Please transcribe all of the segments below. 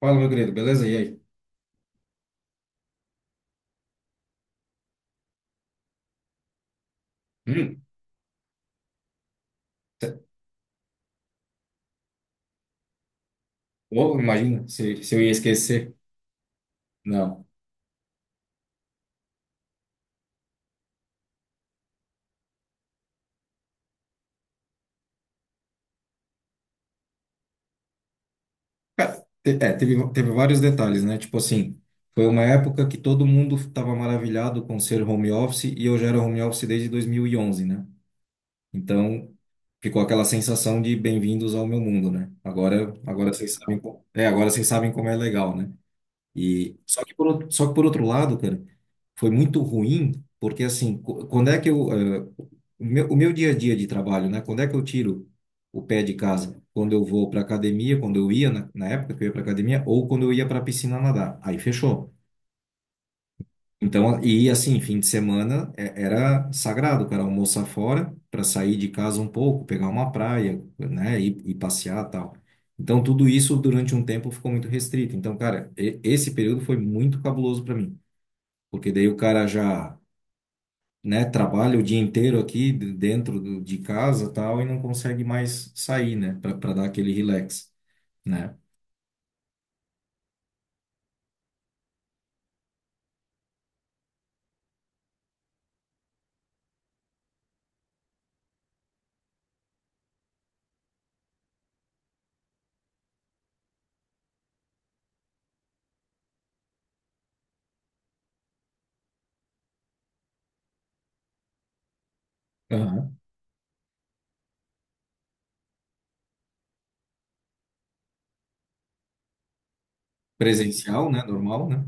Fala, meu querido, beleza? E aí? Hum. Te- ô, imagina se eu ia esquecer. Não. Teve vários detalhes, né? Tipo assim, foi uma época que todo mundo estava maravilhado com ser home office e eu já era home office desde 2011, né? Então, ficou aquela sensação de bem-vindos ao meu mundo, né? Agora vocês sabem, agora vocês sabem como é legal, né? E só que por, só que por outro lado, cara, foi muito ruim, porque assim, quando é que eu, o meu dia a dia de trabalho, né? Quando é que eu tiro o pé de casa? Quando eu vou para academia, quando eu ia na época que eu ia para academia, ou quando eu ia para piscina nadar. Aí fechou. Então, e assim, fim de semana era sagrado, o cara almoçar fora para sair de casa um pouco, pegar uma praia, né, e passear tal. Então, tudo isso durante um tempo ficou muito restrito. Então, cara, esse período foi muito cabuloso para mim, porque daí o cara já, né, trabalha o dia inteiro aqui dentro de casa tal e não consegue mais sair, né, para dar aquele relax, né? Aham. Presencial, né, normal, né?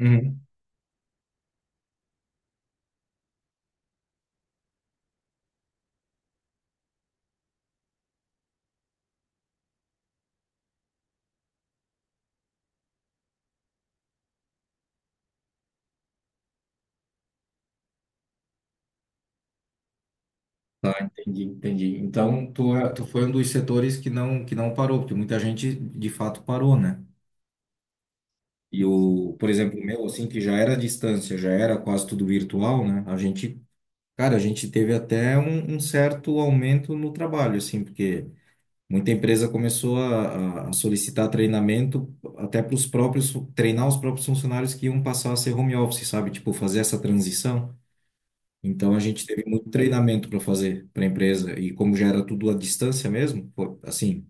Aham. Ah, entendi, entendi. Então, tu, tu foi um dos setores que não, parou, porque muita gente de fato parou, né? E o, por exemplo, o meu, assim, que já era à distância, já era quase tudo virtual, né? A gente, cara, a gente teve até um certo aumento no trabalho, assim, porque muita empresa começou a solicitar treinamento até para os próprios, treinar os próprios funcionários que iam passar a ser home office, sabe? Tipo, fazer essa transição. Então a gente teve muito treinamento para fazer para a empresa e como já era tudo à distância mesmo, pô, assim,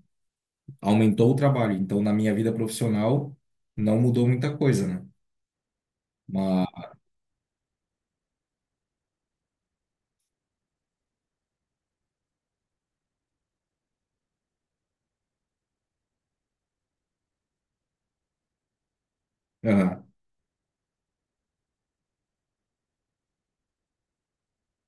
aumentou o trabalho. Então na minha vida profissional não mudou muita coisa, né? Mas, aham.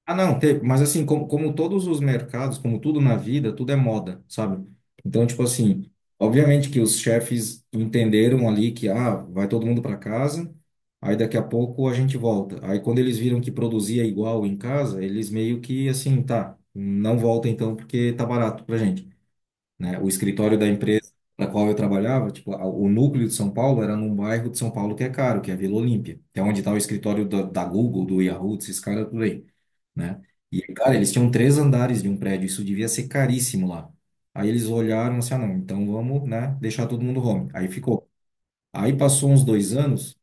Ah, não, teve, mas assim, como todos os mercados, como tudo na vida, tudo é moda, sabe? Então, tipo assim, obviamente que os chefes entenderam ali que, ah, vai todo mundo para casa, aí daqui a pouco a gente volta. Aí quando eles viram que produzia igual em casa, eles meio que assim, tá, não volta então porque tá barato pra gente, né? O escritório da empresa na qual eu trabalhava, tipo, o núcleo de São Paulo era num bairro de São Paulo que é caro, que é a Vila Olímpia, que é onde está o escritório da Google, do Yahoo, desses caras tudo aí, né? E, cara, eles tinham três andares de um prédio, isso devia ser caríssimo lá. Aí eles olharam assim, ah, não, então vamos, né, deixar todo mundo home. Aí ficou. Aí passou uns 2 anos.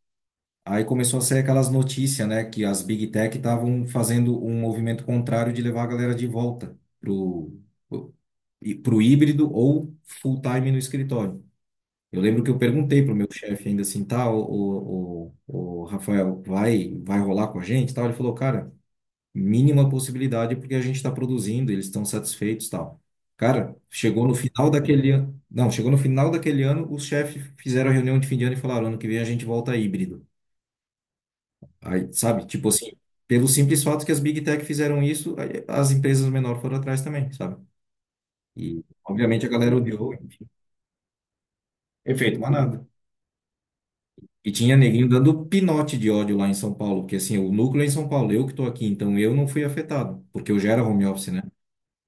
Aí começou a sair aquelas notícias, né, que as Big Tech estavam fazendo um movimento contrário de levar a galera de volta pro pro híbrido ou full time no escritório. Eu lembro que eu perguntei pro meu chefe ainda assim, tá, o Rafael, vai rolar com a gente, e tal? Ele falou, cara, mínima possibilidade porque a gente está produzindo, eles estão satisfeitos, e tal. Cara, chegou no final daquele ano, não, chegou no final daquele ano, os chefes fizeram a reunião de fim de ano e falaram, ano que vem a gente volta híbrido. Aí, sabe? Tipo assim, pelo simples fato que as Big Tech fizeram isso, aí as empresas menores foram atrás também, sabe? E, obviamente, a galera odiou, enfim. Efeito manada. E tinha neguinho dando pinote de ódio lá em São Paulo, porque assim, o núcleo é em São Paulo, eu que tô aqui, então eu não fui afetado, porque eu já era home office, né?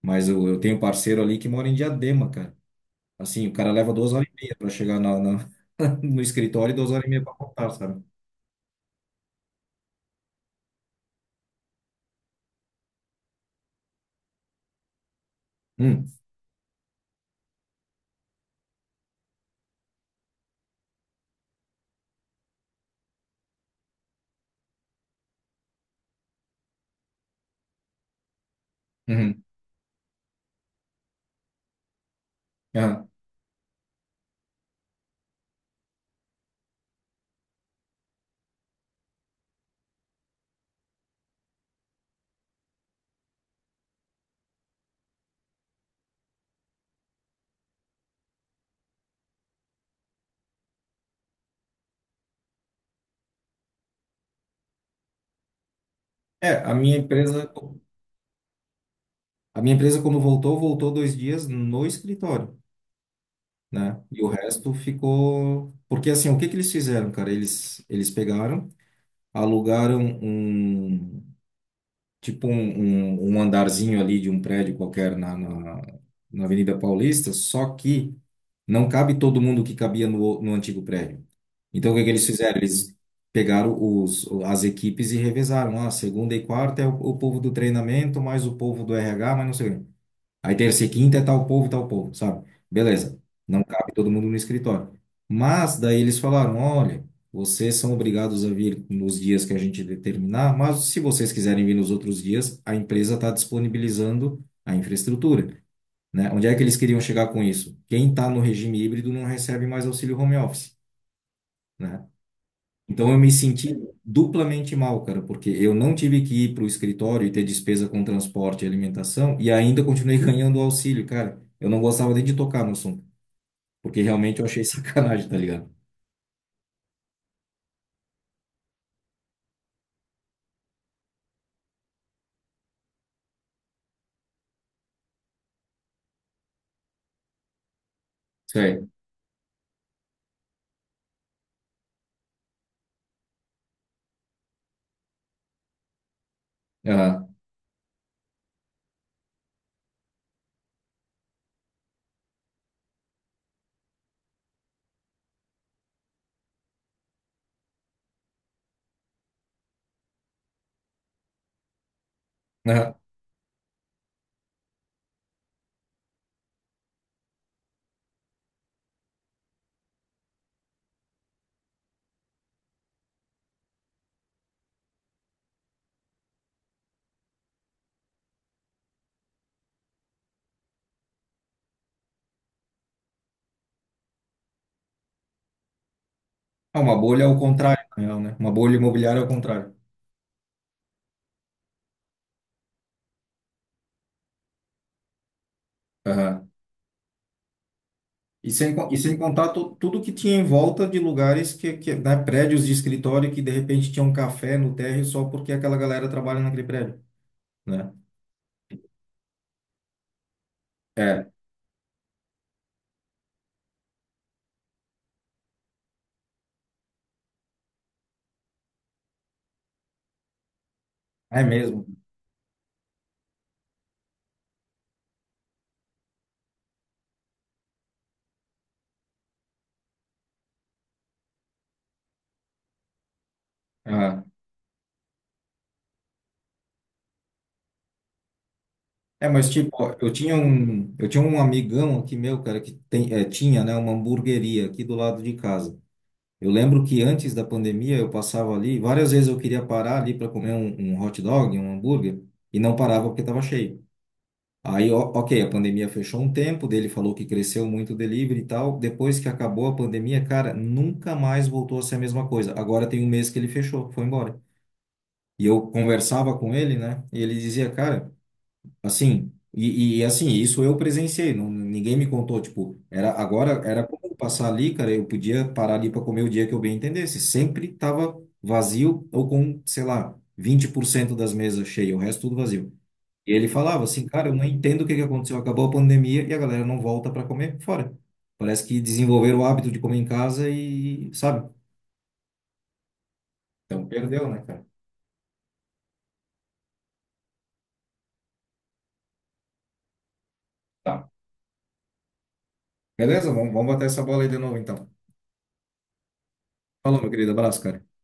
Mas eu tenho um parceiro ali que mora em Diadema, cara. Assim, o cara leva 2 horas e meia pra chegar no escritório e 2 horas e meia pra voltar, sabe? Hum, uhum, aham. É, a minha empresa. A minha empresa, quando voltou, 2 dias no escritório, né? E o resto ficou. Porque assim, o que que eles fizeram, cara? Eles pegaram, alugaram um tipo um andarzinho ali de um prédio qualquer na Avenida Paulista, só que não cabe todo mundo que cabia no antigo prédio. Então, o que que eles fizeram? Eles pegaram as equipes e revezaram. Ah, segunda e quarta é o povo do treinamento, mais o povo do RH, mas não sei o quê. Aí terça e quinta é tal povo, sabe? Beleza. Não cabe todo mundo no escritório. Mas daí eles falaram, olha, vocês são obrigados a vir nos dias que a gente determinar, mas se vocês quiserem vir nos outros dias, a empresa está disponibilizando a infraestrutura, né? Onde é que eles queriam chegar com isso? Quem está no regime híbrido não recebe mais auxílio home office, né? Então eu me senti duplamente mal, cara, porque eu não tive que ir para o escritório e ter despesa com transporte e alimentação e ainda continuei ganhando o auxílio, cara. Eu não gostava nem de tocar no assunto, porque realmente eu achei sacanagem, tá ligado? Sei. Aham. Aham. Ah, uma bolha é o contrário, na real, né? Uma bolha imobiliária é o contrário. Aham. E sem contar tudo que tinha em volta de lugares que, né, prédios de escritório que de repente tinha um café no térreo só porque aquela galera trabalha naquele prédio, né? É, é mesmo. É, mas tipo, ó, eu tinha um, amigão aqui meu, cara, que tem, tinha, né, uma hamburgueria aqui do lado de casa. Eu lembro que antes da pandemia eu passava ali, várias vezes eu queria parar ali para comer um hot dog, um hambúrguer, e não parava porque estava cheio. Aí, ó, ok, a pandemia fechou um tempo, dele falou que cresceu muito o delivery e tal. Depois que acabou a pandemia, cara, nunca mais voltou a ser a mesma coisa. Agora tem um mês que ele fechou, foi embora. E eu conversava com ele, né, e ele dizia, cara. Assim, e assim, isso eu presenciei, não, ninguém me contou, tipo, era agora era como passar ali, cara, eu podia parar ali para comer o dia que eu bem entendesse. Sempre tava vazio ou com, sei lá, 20% das mesas cheias, o resto tudo vazio. E ele falava assim, cara, eu não entendo o que que aconteceu, acabou a pandemia e a galera não volta para comer fora. Parece que desenvolveram o hábito de comer em casa e, sabe? Então perdeu, né, cara? Tá. Beleza? Vamos bater essa bola aí de novo, então. Falou, meu querido, abraço, cara.